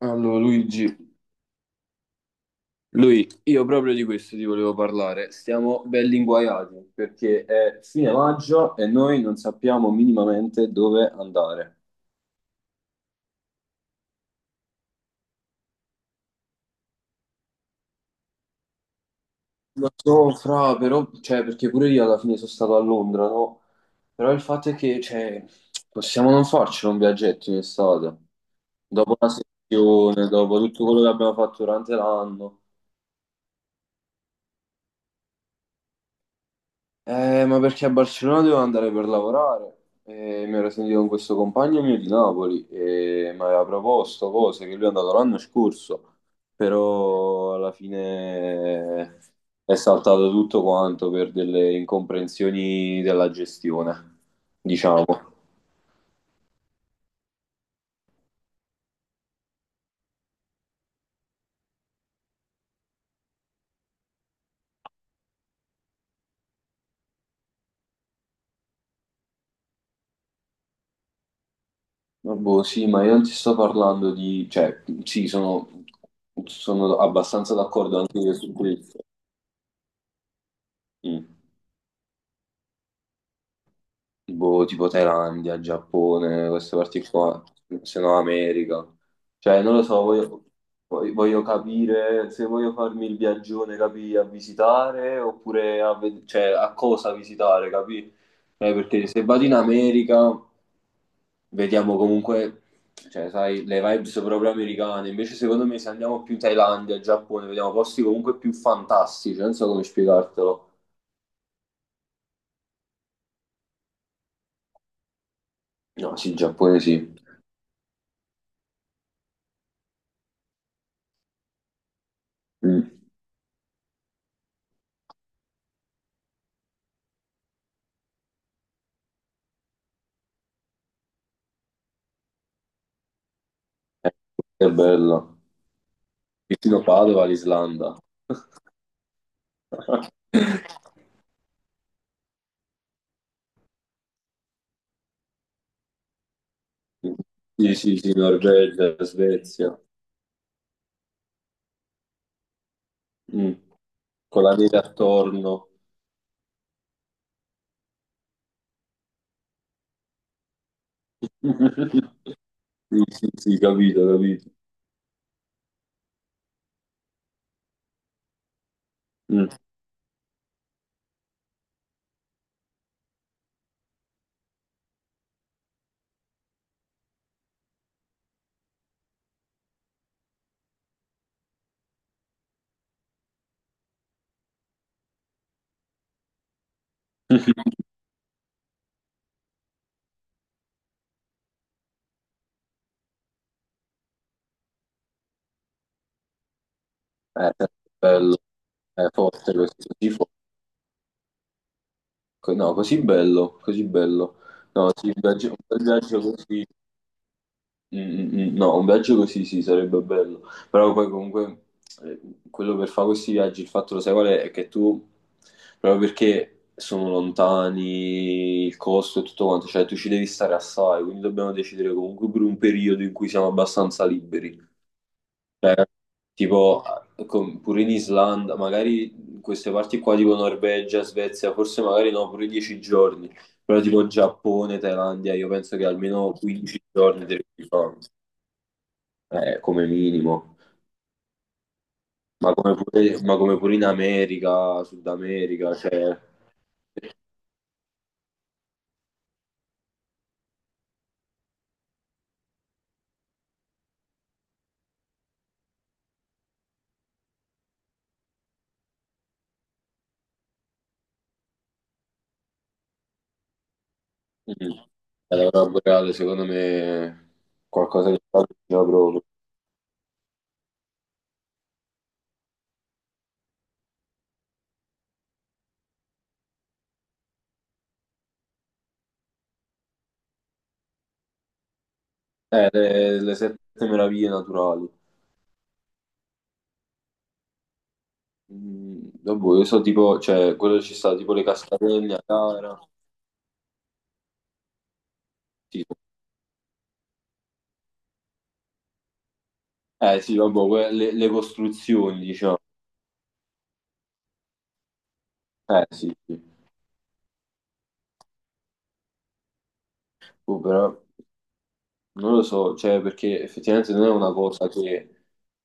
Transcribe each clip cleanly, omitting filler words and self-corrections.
Allora, Luigi, lui, io proprio di questo ti volevo parlare. Stiamo belli inguaiati perché è fine maggio e noi non sappiamo minimamente dove andare. Lo so, fra, però, cioè, perché pure io alla fine sono stato a Londra, no? Però il fatto è che, cioè, possiamo non farci un viaggetto in estate. Dopo la sessione, dopo tutto quello che abbiamo fatto durante l'anno. Ma perché a Barcellona dovevo andare per lavorare e mi ero sentito con questo compagno mio di Napoli e mi aveva proposto cose che lui è andato l'anno scorso, però alla fine è saltato tutto quanto per delle incomprensioni della gestione, diciamo. Ma boh, sì, ma io non ti sto parlando di, cioè, sì, sono abbastanza d'accordo anche io su questo. Mm. Boh, tipo Thailandia, Giappone, queste parti qua, se no America. Cioè, non lo so, voglio- voglio capire se voglio farmi il viaggione, capì, a visitare oppure a, ve- cioè, a cosa visitare, capì? Perché se vado in America, vediamo comunque, cioè, sai, le vibes proprio americane. Invece, secondo me, se andiamo più in Thailandia, Giappone, vediamo posti comunque più fantastici, non so come spiegartelo. No, sì, Giappone sì. Mm. Eh, è bello. Vicino Padova, l'Islanda. Sì, sì, sì, Norvegia, Svezia. Mm. Con la neve attorno. Sì, sì, sì, capito, capito. Mm. È bello, è forte questo, sì, fo- co- no, così bello, così bello. No, sì, un viaggio, un bel viaggio così. Mm, mm, mm. No, un viaggio così sì, sarebbe bello, però poi comunque eh, quello per fare questi viaggi, il fatto lo sai qual è? È che tu, proprio perché sono lontani, il costo e tutto quanto, cioè tu ci devi stare assai, quindi dobbiamo decidere comunque per un periodo in cui siamo abbastanza liberi. Cioè, tipo, con- pure in Islanda, magari in queste parti qua, tipo Norvegia, Svezia, forse magari no, pure 10 giorni, però tipo Giappone, Thailandia, io penso che almeno 15 giorni devi fare. Come minimo, ma come pure in America, Sud America, cioè, mm, è la aurora boreale, secondo me, qualcosa che fa proprio. Le sette meraviglie naturali. Mm, vabbè, io so tipo, cioè, quello ci sta, tipo le cascatelle, Niagara. Sì. Eh sì, vabbè, que- le costruzioni, diciamo. Eh sì, sì. Oh, però... Non lo so, cioè, perché effettivamente non è una cosa che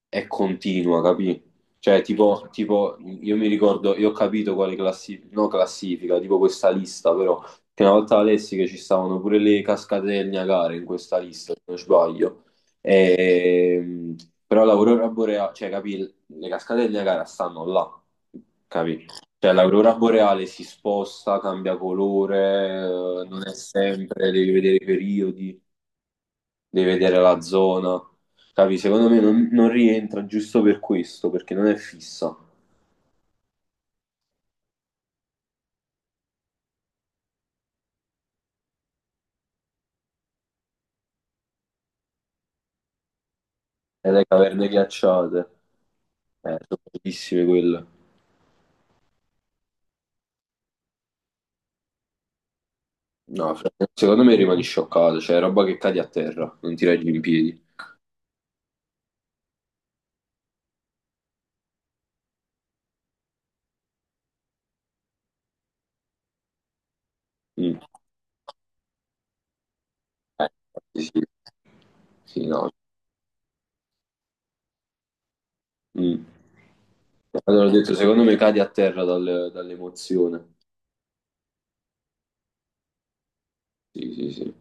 è continua, capì? Cioè, tipo, io mi ricordo, io ho capito quale classifica, no classifica, tipo questa lista, però, che una volta la lessi che ci stavano pure le cascate del Niagara in questa lista, se non sbaglio. Ehm, Però l'aurora boreale, cioè, capì, le cascate del Niagara stanno là, capì? Cioè, l'aurora boreale si sposta, cambia colore, non è sempre, devi vedere i periodi, devi vedere la zona. Capi? Secondo me non, non rientra giusto per questo, perché non è fissa. E le caverne ghiacciate, sono bellissime quelle. No, fra- secondo me rimani scioccato, cioè roba che cadi a terra, non ti reggi in piedi. Mm. Eh, sì, sì, sì, no. Mm. Allora ho detto, secondo me cadi a terra dal- dall'emozione. Sì, sì, sì.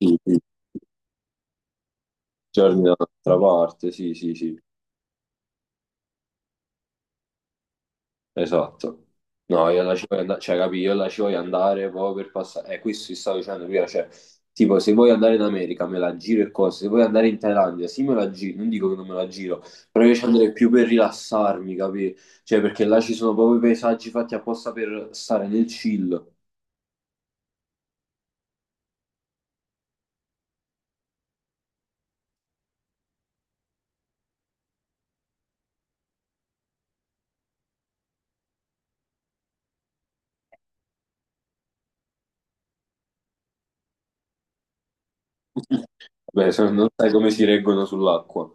Sì, sì. Giorni dall'altra parte, sì, sì, sì. Esatto. No, io la ci voglio andare, cioè, capì, io la ci voglio andare proprio per passare. Questo ti stavo dicendo prima, cioè, tipo, se vuoi andare in America me la giro e cose, se vuoi andare in Thailandia, sì me la giro, non dico che non me la giro, però io ci andrei più per rilassarmi, capì? Cioè, perché là ci sono proprio i paesaggi fatti apposta per stare nel chill. Beh, se non sai come si reggono sull'acqua.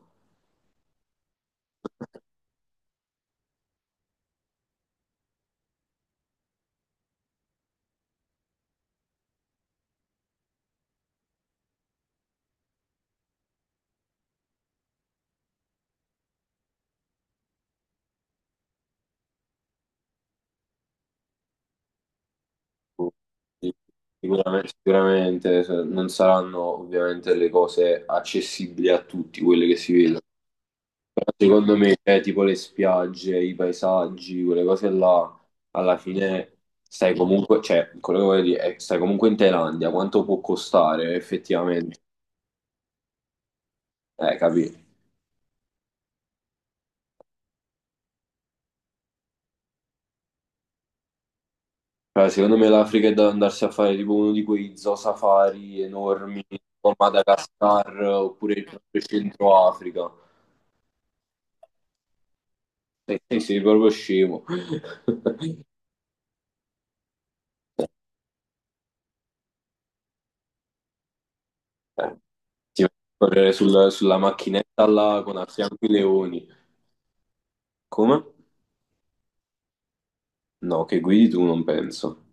Sicuramente, sicuramente se- non saranno ovviamente le cose accessibili a tutti, quelle che si vedono. Però secondo me, tipo le spiagge, i paesaggi, quelle cose là, alla fine stai comunque, cioè, quello che voglio dire è che stai comunque in Thailandia, quanto può costare effettivamente? Capì? Cioè, secondo me l'Africa è da andarsi a fare tipo uno di quei zoo safari enormi, tipo Madagascar, oppure il proprio Centro Africa. E te sei proprio scemo. Eh, ti metti a correre sul- sulla macchinetta là con a fianco i leoni. Come? No, che guidi tu, non penso.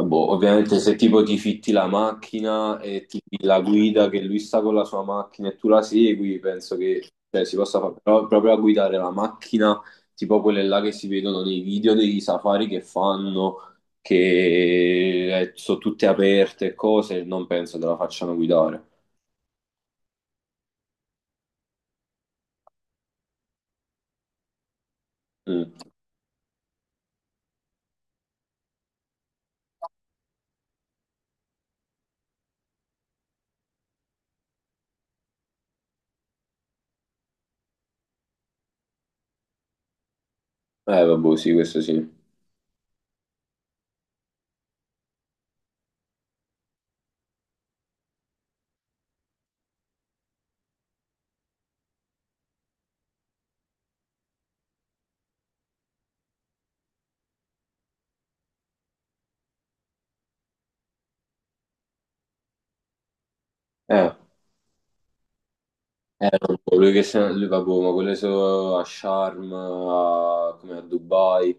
Boh, ovviamente se tipo ti fitti la macchina e ti fidi la guida che lui sta con la sua macchina e tu la segui, penso che cioè, si possa fare, però proprio a guidare la macchina, tipo quelle là che si vedono nei video dei safari che fanno, che sono tutte aperte e cose, non penso te la facciano guidare. Mm. Vabbè, sì, questo sì. Eh, eh, non so, lui che se- lui, vabbè, ma quelle sono a Sharm, a- come a Dubai.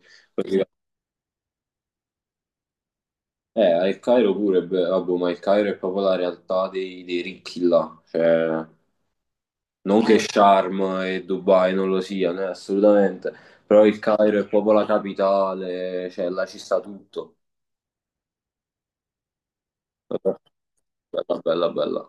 Al Cairo pure, beh, vabbè, ma il Cairo è proprio la realtà dei, dei ricchi là, cioè, non che eh, Sharm e Dubai non lo siano, assolutamente, però il Cairo è proprio la capitale, cioè, là ci sta tutto. Bella, bella, bella.